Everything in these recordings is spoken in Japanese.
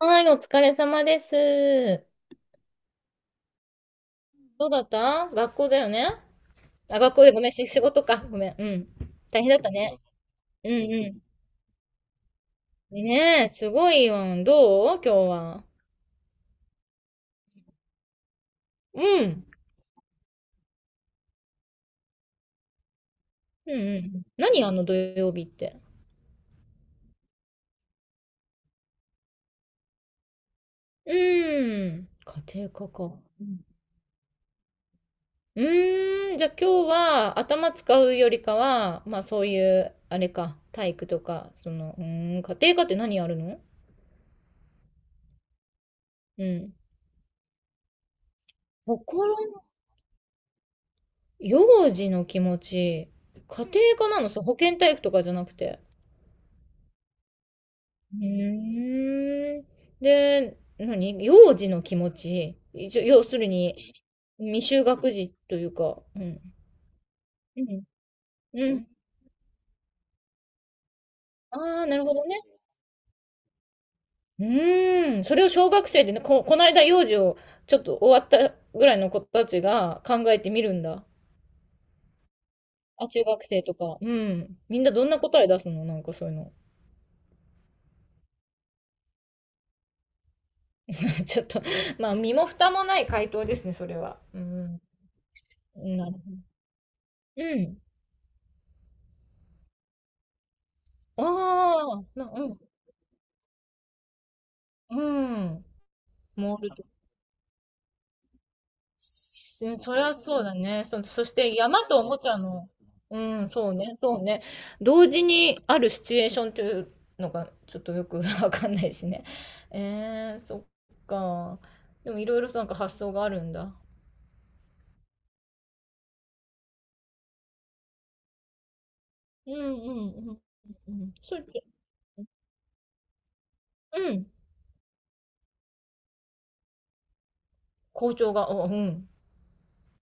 はい、お疲れ様です。どうだった学校だよね。学校でごめん、仕事か。ごめん。うん。大変だったね。うんうん。ねえ、すごいよ。どう今日は？うん。うんうん。何、あの土曜日って？うん。家庭科か。うん。うじゃあ今日は頭使うよりかは、まあそういう、あれか、体育とか、その、うーん、家庭科って何やるの？うん。心、幼児の気持ち、家庭科なのそれ？保健体育とかじゃなくて。うーん。で、何幼児の気持ち。一応要するに、未就学児というか、うん。うん。うん。ああ、なるほどね。うーん。それを小学生でね、この間幼児をちょっと終わったぐらいの子たちが考えてみるんだ。あ、中学生とか。うん。みんなどんな答え出すの、なんかそういうの？ちょっと、まあ、身も蓋もない回答ですね、それは。うん。なるうん。ああ、うん。うん。モールと。そりゃそうだね。そして山とおもちゃの、うん、そうね、そうね。同時にあるシチュエーションというのがちょっとよく わかんないしね。えー、そっか。でもいろいろとなんか発想があるんだ。うんうんうんうん。うそれで、うん。校長が、うん。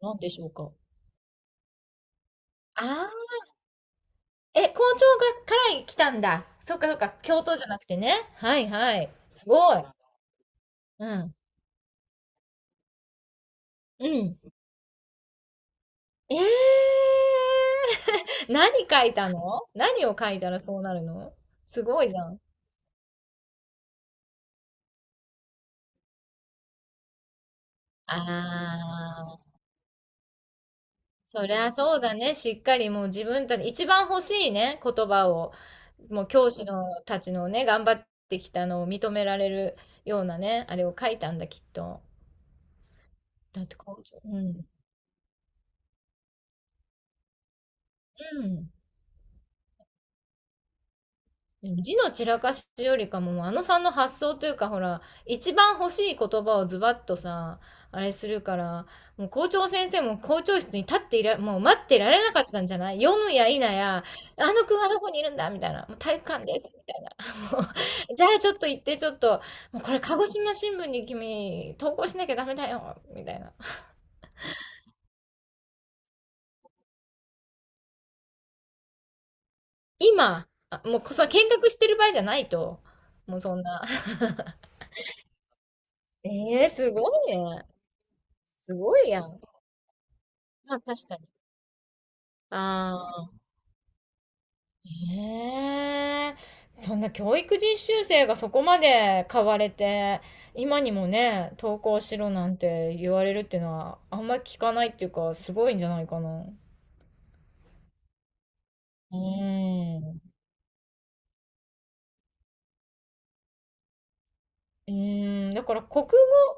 なんでしょうか。あ校長から来たんだ。そっかそっか。教頭じゃなくてね。はいはい。すごい。うん。うん。ええ。 何書いたの、何を書いたらそうなるの？すごいじゃん。ああ、そりゃそうだね。しっかりもう自分たち、一番欲しいね、言葉を。もう教師のたちのね、頑張ってきたのを認められるようなね、あれを書いたんだ、きっと。だって校長。うん。うん。字の散らかしよりかも、あのさんの発想というか、ほら、一番欲しい言葉をズバッとさ、あれするから、もう校長先生も校長室に立っていら、もう待ってられなかったんじゃない？読むや否や、あの君はどこにいるんだみたいな、もう体育館です、みたいな。もう、じゃあちょっと行って、ちょっと、もうこれ鹿児島新聞に君、投稿しなきゃダメだよ、みたいな。今、もうこそ見学してる場合じゃないと、もうそんな。ええー、すごいね。すごいやん。まあ確かに。ああ、ねえ、そんな教育実習生がそこまで買われて、今にもね、登校しろなんて言われるっていうのは、あんまり聞かないっていうか、すごいんじゃないかな。うーん。うーん、だから国語、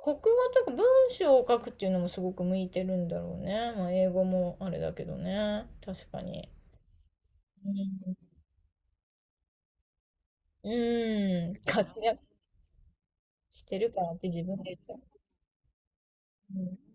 国語というか文章を書くっていうのもすごく向いてるんだろうね。まあ英語もあれだけどね。確かに。うん、うん、活躍してるからって自分で言っちゃう。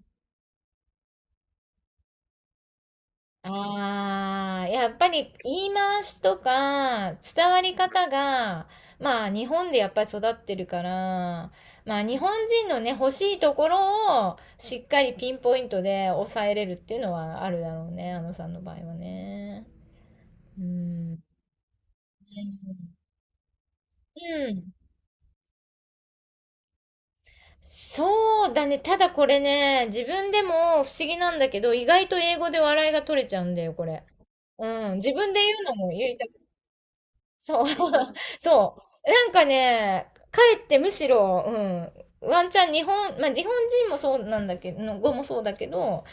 ああ、やっぱり言い回しとか伝わり方が、まあ日本でやっぱり育ってるから、まあ日本人のね、欲しいところをしっかりピンポイントで抑えれるっていうのはあるだろうね、あのさんの場合はね。うん。うん。そうだね。ただこれね、自分でも不思議なんだけど、意外と英語で笑いが取れちゃうんだよ、これ。うん。自分で言うのも言いたそう、そう。なんかね、かえってむしろ、うん、ワンチャン日本、まあ、日本人もそうなんだけど、の語もそうだけど、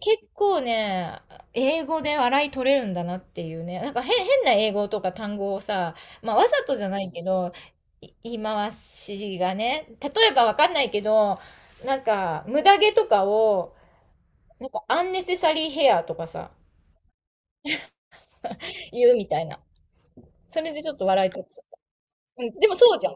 結構ね、英語で笑い取れるんだなっていうね、なんか変な英語とか単語をさ、まあ、わざとじゃないけど、言い回しがね、例えばわかんないけど、なんか、無駄毛とかを、なんか、アンネセサリーヘアとかさ、言うみたいな。それでちょっと笑い取っちゃった。うん、でもそうじゃん。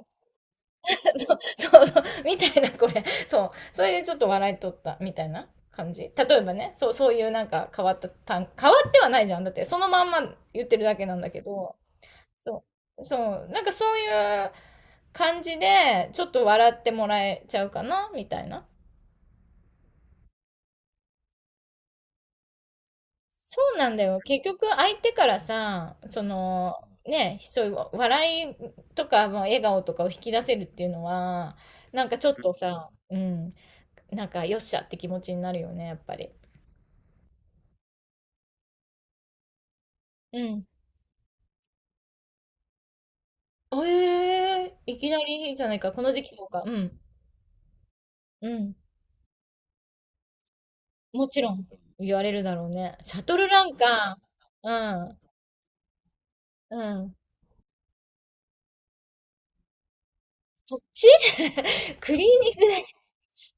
そうそうそう、みたいな、これ。そう。それでちょっと笑いとった、みたいな感じ。例えばね、そう、そういうなんか変わった単、変わってはないじゃん。だって、そのまんま言ってるだけなんだけど、そう、そう、なんかそういう感じで、ちょっと笑ってもらえちゃうかな、みたいな。そうなんだよ。結局、相手からさ、その、ね、そういう笑いとか、まあ笑顔とかを引き出せるっていうのは、なんかちょっとさ、うん、なんかよっしゃって気持ちになるよね、やっぱり。うん。ええ、いきなりいいじゃないか。この時期そうか。うん。うん。もちろん言われるだろうね。シャトルランか。うん。うん。そっち。 クリーニングね。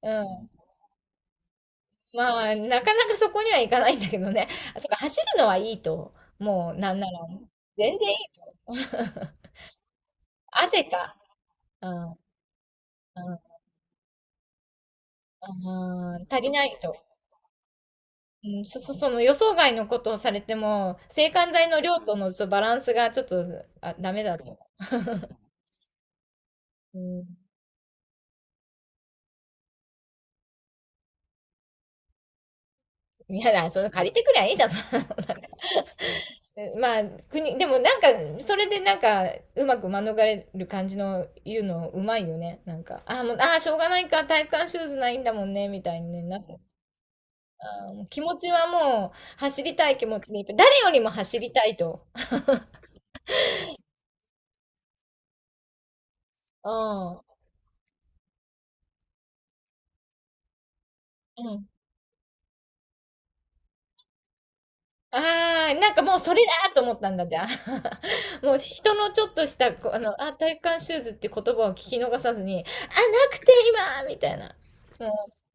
うん。まあ、なかなかそこには行かないんだけどね。あ、そっか、走るのはいいと。もう、なんなら、全然いい。汗か。うん。うん。うん。足りないと。うん、その予想外のことをされても、制汗剤の量とのちょっとバランスがちょっと、あ、ダメだと。うん。いやだ、それ借りてくりゃいいじゃん、そんなの。まあ、国、でもなんか、それでなんか、うまく免れる感じの言うのうまいよね。なんか、ああ、もう、ああ、しょうがないか、体育館シューズないんだもんね、みたいにね、なっか。あーもう気持ちはもう、走りたい気持ちでいっぱい。誰よりも走りたいと。うん。うん。ああ、なんかもうそれだと思ったんだ、じゃあ。もう人のちょっとした、こうあの、あ、体感シューズって言葉を聞き逃さずに、あ、なくて今みたいな。も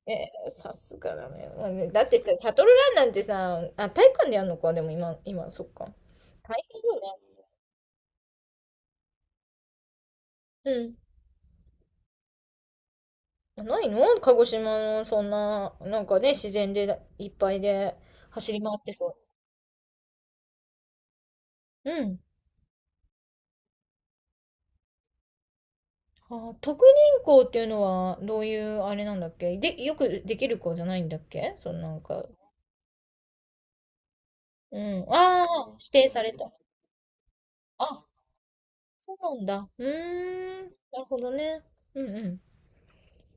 う、えーさすがだね。もうね、だってさ、シャトルランなんてさ、あ、体育館でやるのか、でも今、今、そっか。大変よね。うん。ないの？鹿児島の、そんな、なんかね、自然でいっぱいで走り回ってそう。うん。ああ、特任校っていうのはどういうあれなんだっけ？で、よくできる子じゃないんだっけ？そのなんか。うん。ああ、指定された。あ、そうなんだ。うーん。なるほどね。うん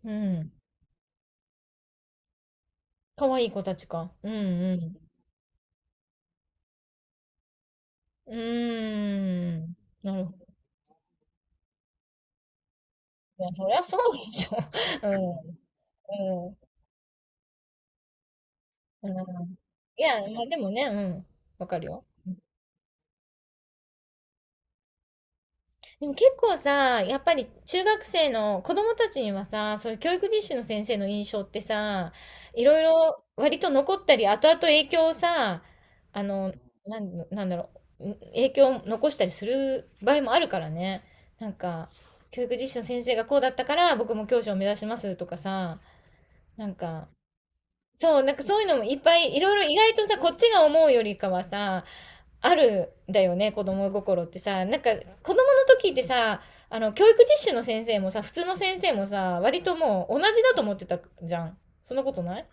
うん。うん。かわいい子たちか。うんうん。うーん。なるほど。いや、そりゃそうでしょ。うん。うん。うん。いや、まあでもね、うん。わかるよ。でも結構さ、やっぱり中学生の子供たちにはさ、そういう教育実習の先生の印象ってさ、いろいろ割と残ったり、後々影響をさ、あの、なんだろう、影響を残したりする場合もあるからね。なんか、教育実習の先生がこうだったから、僕も教師を目指しますとかさ、なんか、そう、なんかそういうのもいっぱい、いろいろ意外とさ、こっちが思うよりかはさ、あるんだよね、子供心ってさ、なんか子供の時ってさ、あの教育実習の先生もさ普通の先生もさ割ともう同じだと思ってたじゃん、そんなことない。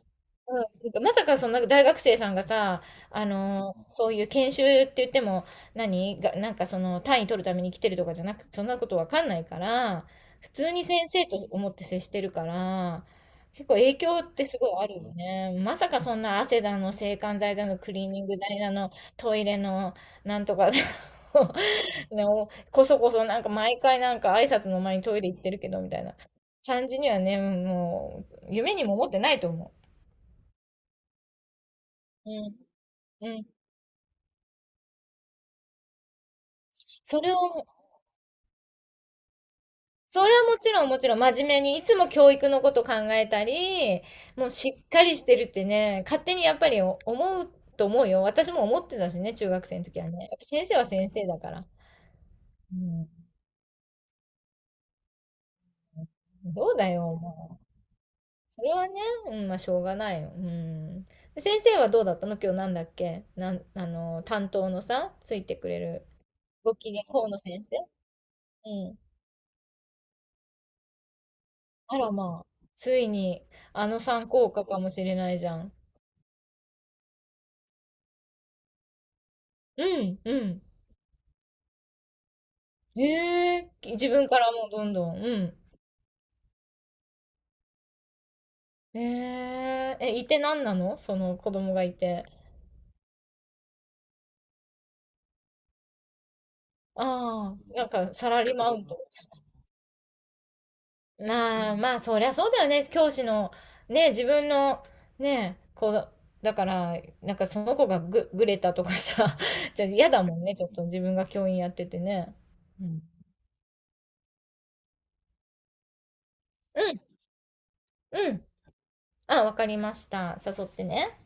うん、なんかまさかそのなんか大学生さんがさ、あのーそういう研修って言っても何が、なんかその単位取るために来てるとかじゃなく、そんなことわかんないから、普通に先生と思って接してるから、結構影響ってすごいあるよね。まさかそんな汗だの、制汗剤だの、クリーニング代だの、トイレの、なんとかだの ね、おこそこそなんか毎回なんか挨拶の前にトイレ行ってるけどみたいな感じにはね、もう夢にも思ってないと思う。うんうん。それを、それはもちろんもちろん真面目にいつも教育のこと考えたり、もうしっかりしてるってね、勝手にやっぱり思うと思うよ。私も思ってたしね、中学生の時はね。やっぱ先生は先生だから。うん。どうだよ、もう。それはね、うん、まあしょうがないよ。うん。で先生はどうだったの今日？なんだっけ、あの、担当のさ、ついてくれる、ご機嫌、河野先生。うん。あらまあ、ついにあの参考科かもしれないじゃん。うん、うん。ええ、自分からもうどんどん、うん。ええ、え、いてなんなのその子供がいて。ああ、なんかサラリーマウント。まあまあ、そりゃそうだよね。教師の、ね、自分の、ね、こう、だから、なんかその子がぐれたとかさ、じゃあ嫌だもんね、ちょっと自分が教員やっててね。うん。うん、うん。あ、わかりました。誘ってね。